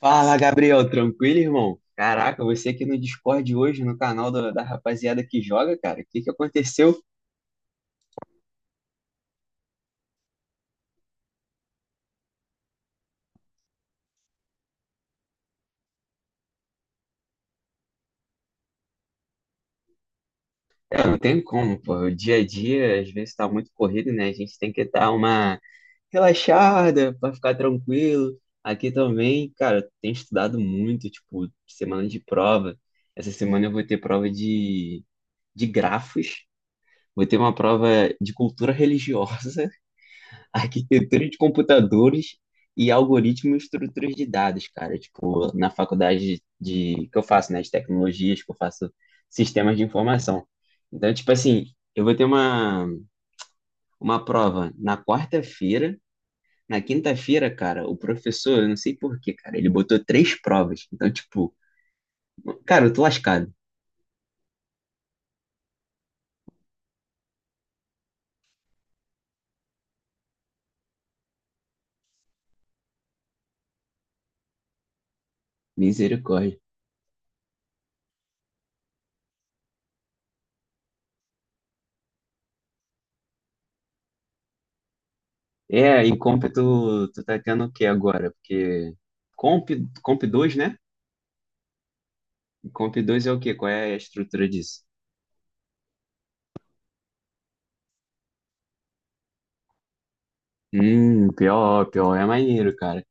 Fala, Gabriel, tranquilo, irmão? Caraca, você aqui no Discord hoje, no canal da rapaziada que joga, cara, o que que aconteceu? É, não tem como, pô, o dia a dia às vezes tá muito corrido, né? A gente tem que dar uma relaxada pra ficar tranquilo. Aqui também, cara, eu tenho estudado muito, tipo, semana de prova. Essa semana eu vou ter prova de grafos, vou ter uma prova de cultura religiosa, arquitetura de computadores e algoritmo e estruturas de dados, cara. Tipo, na faculdade que eu faço, né, de tecnologias, que eu faço sistemas de informação. Então, tipo assim, eu vou ter uma prova na quarta-feira. Na quinta-feira, cara, o professor, eu não sei por quê, cara, ele botou três provas. Então, tipo, cara, eu tô lascado. Misericórdia. É, e Comp, tu tá tendo o quê agora? Porque Comp, Comp, 2, né? Comp 2 é o quê? Qual é a estrutura disso? Pior, pior é maneiro, cara.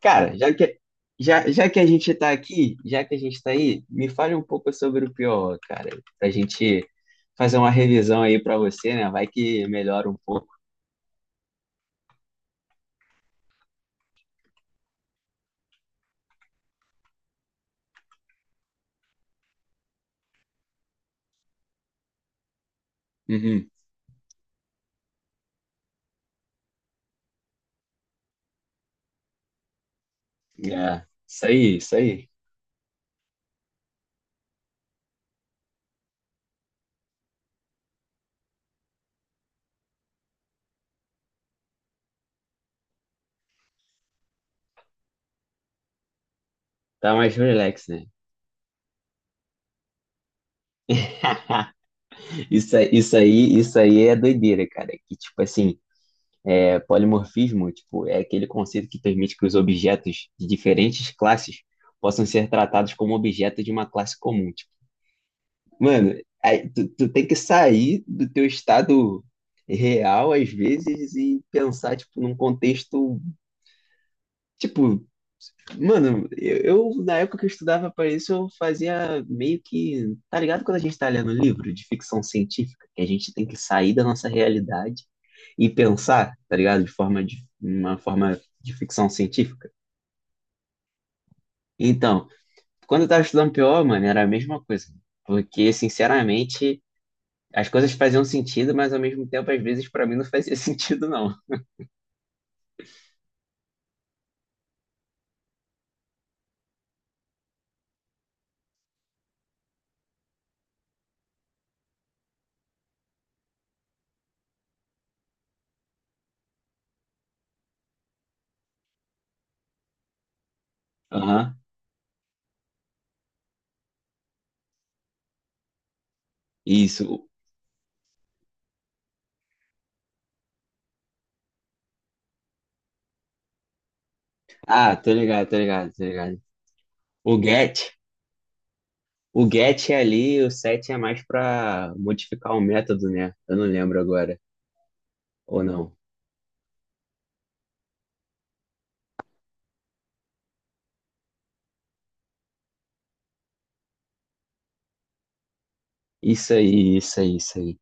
Cara, já que a gente tá aqui, já que a gente tá aí, me fale um pouco sobre o pior, cara, pra gente fazer uma revisão aí pra você, né? Vai que melhora um pouco. Uhum. É, isso aí, isso aí. Tá mais relax, né? Isso, isso aí é doideira, cara. Que tipo assim, é, polimorfismo, tipo, é aquele conceito que permite que os objetos de diferentes classes possam ser tratados como objetos de uma classe comum. Mano, aí tu tem que sair do teu estado real, às vezes, e pensar, tipo, num contexto, tipo, mano, eu, na época que eu estudava para isso, eu fazia meio que, tá ligado quando a gente tá lendo livro de ficção científica, que a gente tem que sair da nossa realidade e pensar, tá ligado, de uma forma de ficção científica. Então, quando eu tava estudando PO, mano, era a mesma coisa, porque, sinceramente, as coisas faziam sentido, mas ao mesmo tempo, às vezes, pra mim não fazia sentido, não. Aham. Isso. Ah, tô ligado, tô ligado, tô ligado. O get, o get é ali, o set é mais pra modificar o método, né? Eu não lembro agora. Ou não. Isso aí, isso aí, isso aí.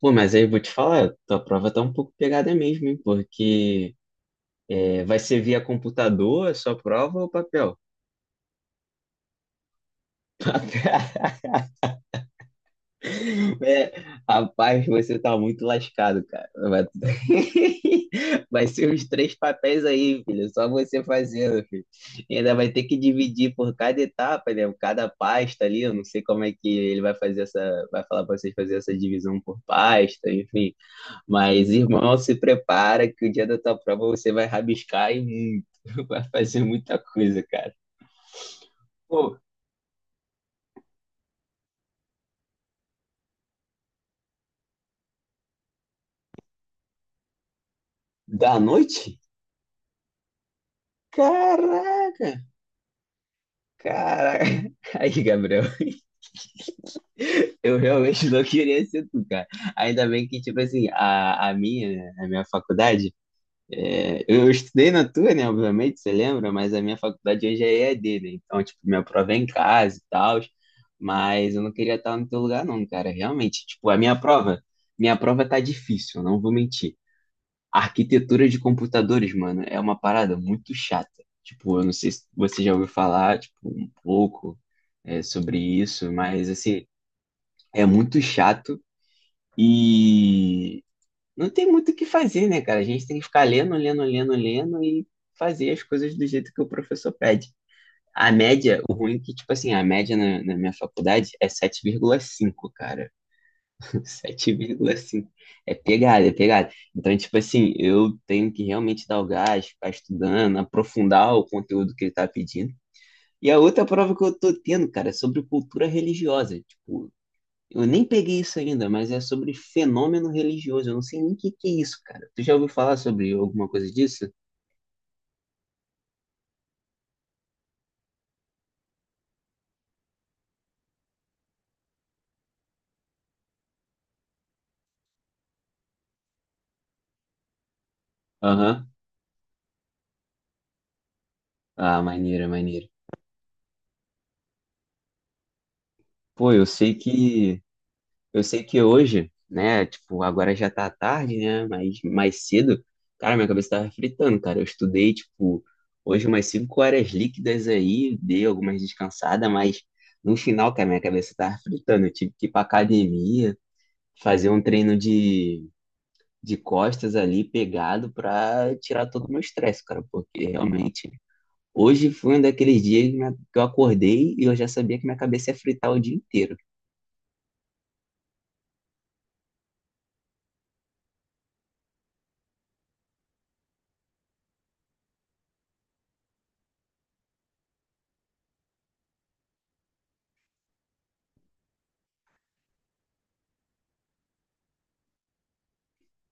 Pô, mas aí eu vou te falar, tua prova tá um pouco pegada mesmo, hein? Porque é, vai ser via computador a sua prova ou papel? É, rapaz, você tá muito lascado, cara. Vai, vai ser uns três papéis aí, filho. Só você fazendo, filho. E ainda vai ter que dividir por cada etapa, né? Cada pasta ali. Eu não sei como é que ele vai fazer essa. Vai falar pra vocês fazer essa divisão por pasta, enfim. Mas, irmão, se prepara que o dia da tua prova você vai rabiscar e muito. Vai fazer muita coisa, cara. Pô, da noite? Caraca! Caraca! Aí, Gabriel. Eu realmente não queria ser tu, cara. Ainda bem que, tipo assim, a minha faculdade, é, eu estudei na tua, né? Obviamente, você lembra, mas a minha faculdade hoje é EAD, né? Então, tipo, minha prova é em casa e tal, mas eu não queria estar no teu lugar, não, cara. Realmente, tipo, minha prova tá difícil, eu não vou mentir. A arquitetura de computadores, mano, é uma parada muito chata. Tipo, eu não sei se você já ouviu falar, tipo, um pouco, é, sobre isso, mas, assim, é muito chato e não tem muito o que fazer, né, cara? A gente tem que ficar lendo, lendo, lendo, lendo e fazer as coisas do jeito que o professor pede. A média, o ruim é que, tipo assim, a média na minha faculdade é 7,5, cara. 7,5. É pegada, é pegada. Então, tipo assim, eu tenho que realmente dar o gás, ficar estudando, aprofundar o conteúdo que ele tá pedindo. E a outra prova que eu tô tendo, cara, é sobre cultura religiosa. Tipo, eu nem peguei isso ainda, mas é sobre fenômeno religioso. Eu não sei nem o que que é isso, cara. Tu já ouviu falar sobre alguma coisa disso? Aham. Ah, maneiro, maneiro. Pô, eu sei que hoje, né, tipo, agora já tá tarde, né, mas mais cedo, cara, minha cabeça tava fritando, cara. Eu estudei, tipo, hoje umas 5 horas líquidas aí, dei algumas descansadas, mas no final, cara, minha cabeça tava fritando. Eu tive que ir pra academia, fazer um treino de costas ali, pegado, pra tirar todo o meu estresse, cara, porque realmente. Hoje foi um daqueles dias que que eu acordei e eu já sabia que minha cabeça ia fritar o dia inteiro.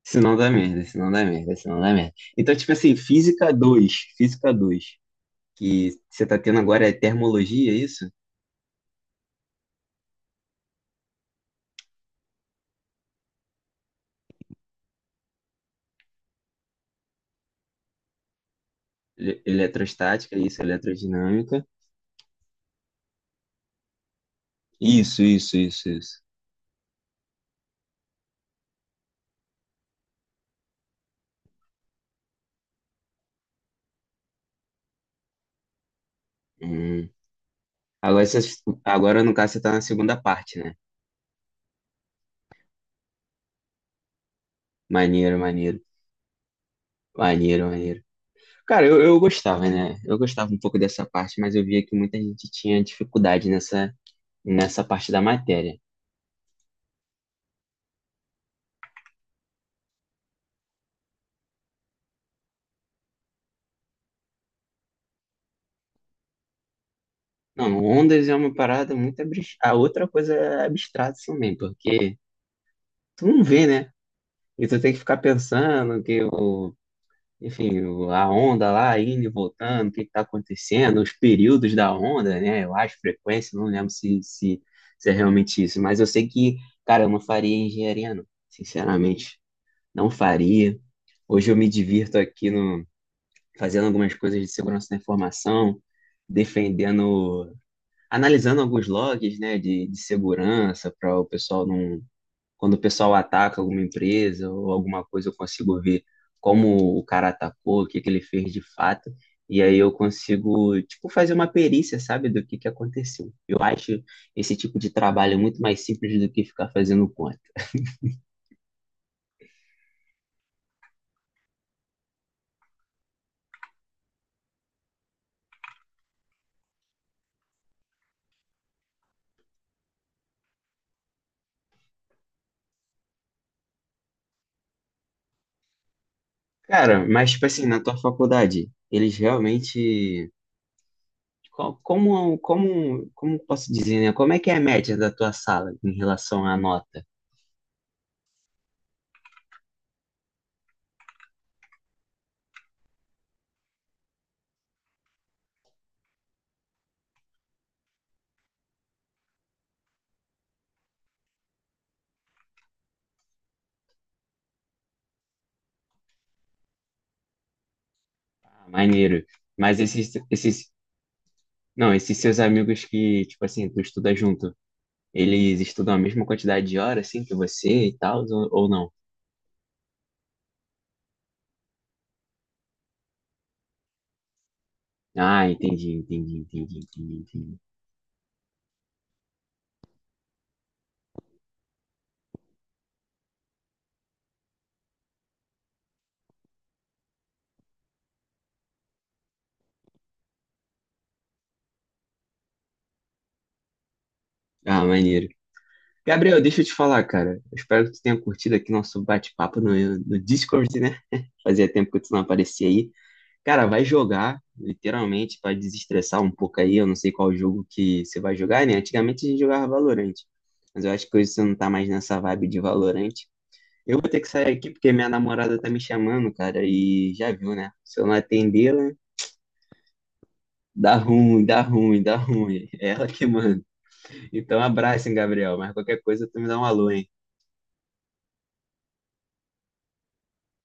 Se não dá merda, se não dá merda, se não dá merda. Então, tipo assim, física dois que você tá tendo agora é termologia, é isso? Eletrostática, isso, eletrodinâmica. Isso, isso, isso, isso. Hum. Agora, você- agora, no caso, você tá na segunda parte, né? Maneiro, maneiro. Maneiro, maneiro. Cara, eu gostava, né? Eu gostava um pouco dessa parte, mas eu via que muita gente tinha dificuldade nessa parte da matéria. Não, ondas é uma parada A outra coisa é abstrata também, porque tu não vê, né? E tu tem que ficar pensando que o, enfim, a onda lá indo e voltando, o que que tá acontecendo, os períodos da onda, né? Eu acho, frequência, não lembro se é realmente isso, mas eu sei que, cara, eu não faria engenharia, não. Sinceramente, não faria. Hoje eu me divirto aqui no, fazendo algumas coisas de segurança da informação, defendendo, analisando alguns logs, né, de segurança para o pessoal não, quando o pessoal ataca alguma empresa ou alguma coisa, eu consigo ver como o cara atacou, o que que ele fez de fato, e aí eu consigo, tipo, fazer uma perícia, sabe, do que aconteceu. Eu acho esse tipo de trabalho muito mais simples do que ficar fazendo conta. Cara, mas, tipo assim, na tua faculdade, eles realmente. Como posso dizer, né? Como é que é a média da tua sala em relação à nota? Ah, maneiro. Mas esses, não, esses seus amigos que, tipo assim, tu estuda junto, eles estudam a mesma quantidade de horas, assim, que você e tal, ou não? Ah, entendi, entendi, entendi, entendi, entendi. Ah, maneiro. Gabriel, deixa eu te falar, cara. Eu espero que tu tenha curtido aqui nosso bate-papo no Discord, né? Fazia tempo que tu não aparecia aí. Cara, vai jogar, literalmente, para desestressar um pouco aí. Eu não sei qual jogo que você vai jogar, né? Antigamente a gente jogava Valorant, mas eu acho que hoje você não tá mais nessa vibe de Valorant. Eu vou ter que sair aqui porque minha namorada tá me chamando, cara, e já viu, né? Se eu não atendê-la, dá ruim, dá ruim, dá ruim. É ela que manda. Então, abraço, hein, Gabriel. Mas qualquer coisa, tu me dá um alô, hein?